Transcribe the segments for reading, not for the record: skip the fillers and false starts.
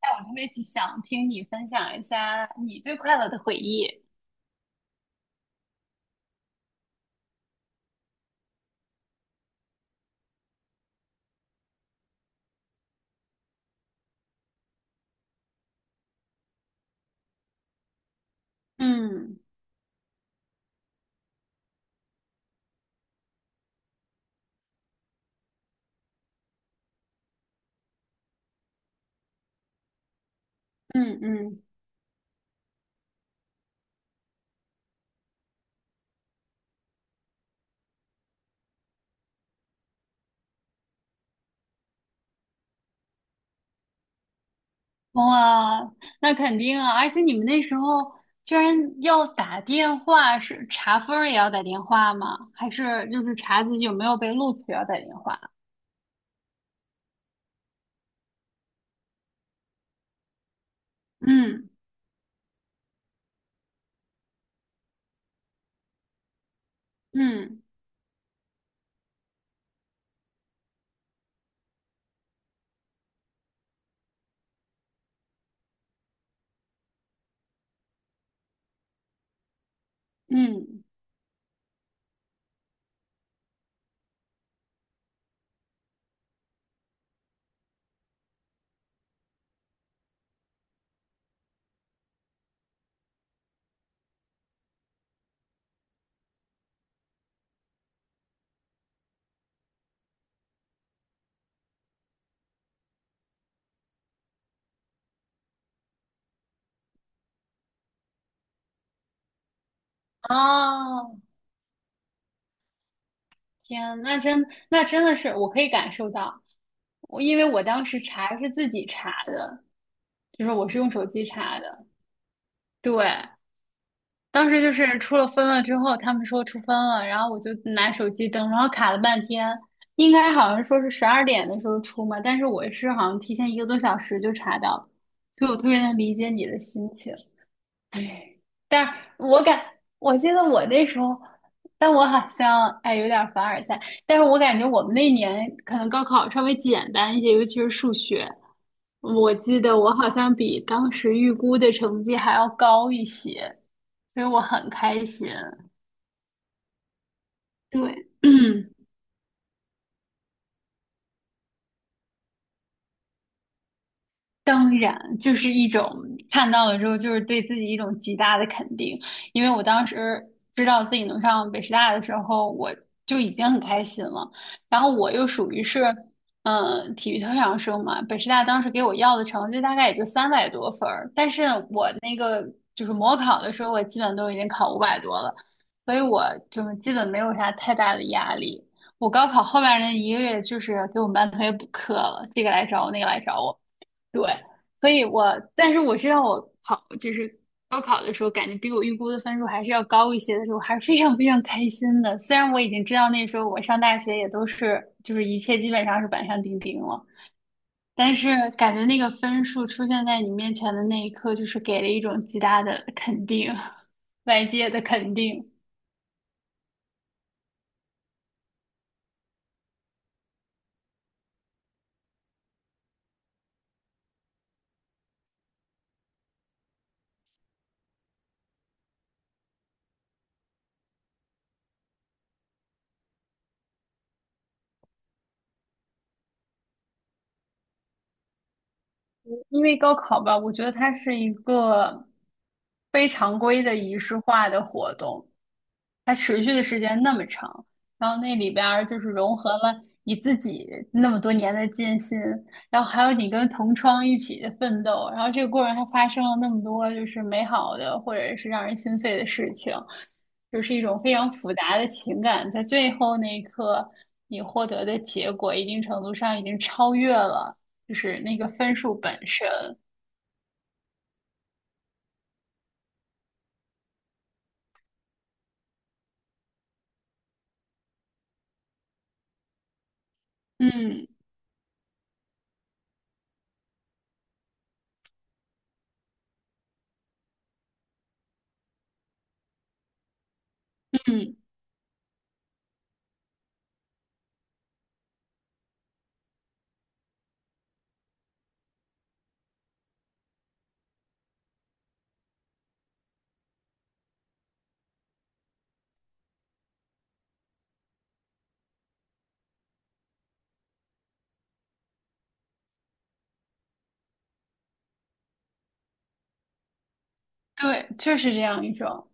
哎，我特别想听你分享一下你最快乐的回忆。嗯嗯嗯。哇，那肯定啊！而且你们那时候居然要打电话，是查分儿也要打电话吗？还是就是查自己有没有被录取要打电话？嗯嗯嗯。哦，天，那真的是我可以感受到，因为我当时查是自己查的，就是我是用手机查的。对。当时就是出了分了之后，他们说出分了，然后我就拿手机登，然后卡了半天，应该好像说是十二点的时候出嘛，但是我是好像提前一个多小时就查到了,所以我特别能理解你的心情。哎，但是我感，我记得我那时候，但我好像有点凡尔赛，但是我感觉我们那年可能高考稍微简单一些，尤其是数学，我记得我好像比当时预估的成绩还要高一些，所以我很开心。对。当然，就是一种看到了之后，就是对自己一种极大的肯定。因为我当时知道自己能上北师大的时候，我就已经很开心了。然后我又属于是，体育特长生嘛，北师大当时给我要的成绩大概也就三百多分儿，但是我那个就是模考的时候，我基本都已经考五百多了，所以我就是基本没有啥太大的压力。我高考后面那一个月，就是给我们班同学补课了，这个来找我，那个来找我。对。所以我，但是我知道就是高考的时候，感觉比我预估的分数还是要高一些的时候，还是非常 非常开心的。虽然我已经知道那时候我上大学也都是就是一切基本上是板上钉钉了，但是感觉那个分数出现在你面前的那一刻，就是给了一种极大的肯定，外界的肯定。因为高考吧，我觉得它是一个非常规的仪式化的活动。它持续的时间那么长，然后那里边儿就是融合了你自己那么多年的艰辛，然后还有你跟同窗一起的奋斗，然后这个过程还发生了那么多就是美好的或者是让人心碎的事情，就是一种非常复杂的情感，在最后那一刻，你获得的结果一定程度上已经超越了就是那个分数本身。嗯嗯。对，就是这样一种。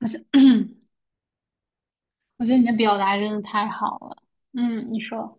我觉得你的表达真的太好了。嗯，你说。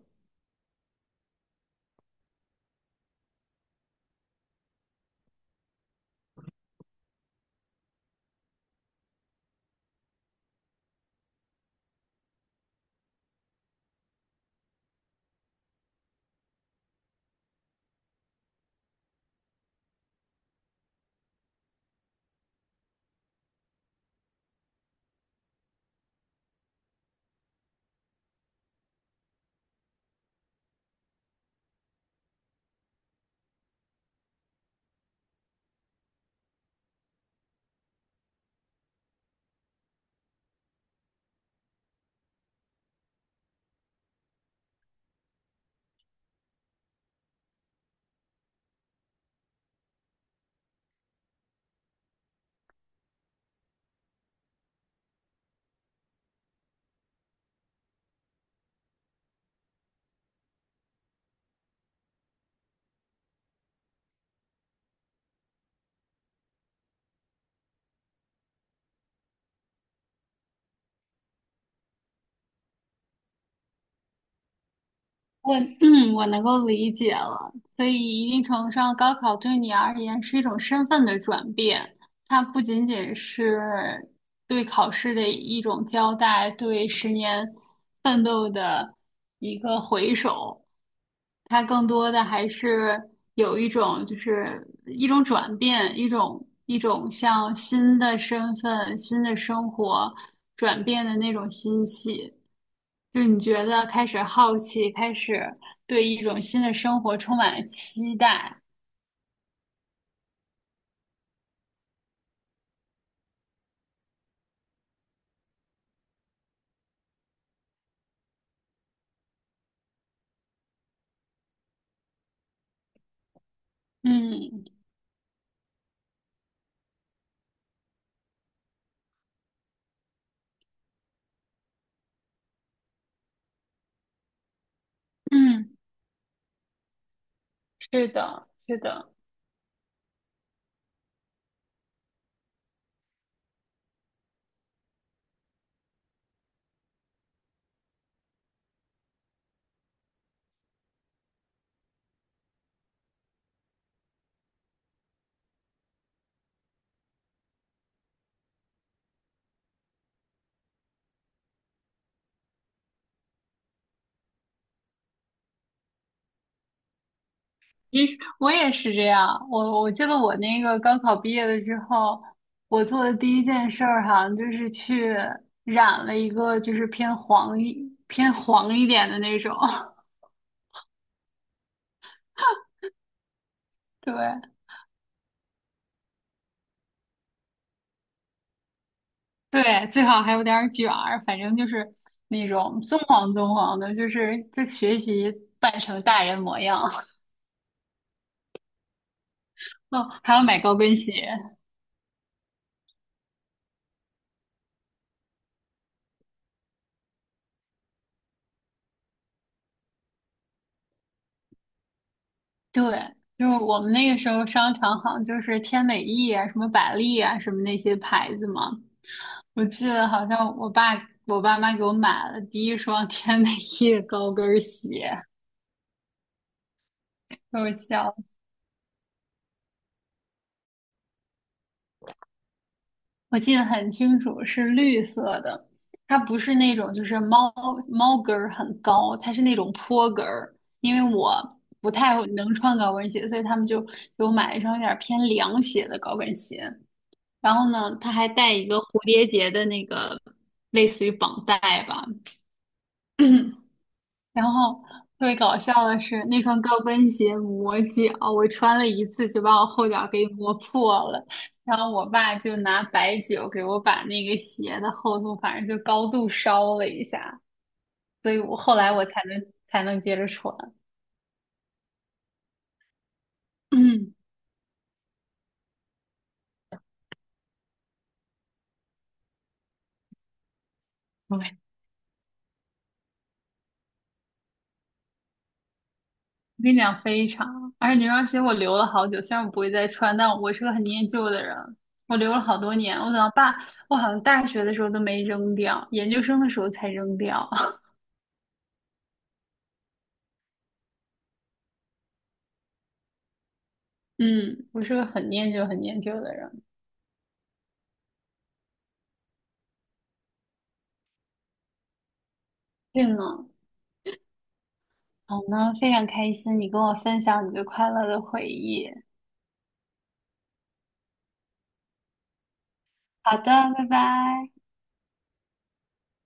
我 嗯，我能够理解了。所以，一定程度上，高考对你而言是一种身份的转变，它不仅仅是对考试的一种交代，对十年奋斗的一个回首，它更多的还是有一种就是一种转变，一种像新的身份、新的生活转变的那种欣喜。就你觉得开始好奇，开始对一种新的生活充满了期待。嗯嗯。是的，是的。其实我也是这样。我记得我那个高考毕业了之后，我做的第一件事儿好像就是去染了一个就是偏黄一点的那种。对对，最好还有点儿卷儿，反正就是那种棕黄棕黄的，就是在学习扮成大人模样。哦，还要买高跟鞋。对，就是我们那个时候商场好像就是天美意啊、什么百丽啊、什么那些牌子嘛。我记得好像我爸妈给我买了第一双天美意的高跟鞋，给我笑死。我记得很清楚，是绿色的，它不是那种就是猫跟儿很高，它是那种坡跟儿。因为我不太能穿高跟鞋，所以他们就给我买了一双有点偏凉鞋的高跟鞋。然后呢，他还带一个蝴蝶结的那个类似于绑带吧。然后特别搞笑的是，那双高跟鞋磨脚，我穿了一次就把我后脚给磨破了。然后我爸就拿白酒给我把那个鞋的厚度，反正就高度烧了一下，所以我后来我才能才能接着穿。嗯，对，我跟你讲非常，而且那双鞋我留了好久，虽然我不会再穿，但我是个很念旧的人，我留了好多年。我等到爸，我好像大学的时候都没扔掉，研究生的时候才扔掉。嗯，我是个很念旧、很念旧的人。对呢，好呢，非常开心你跟我分享你对快乐的回忆。好的，拜拜。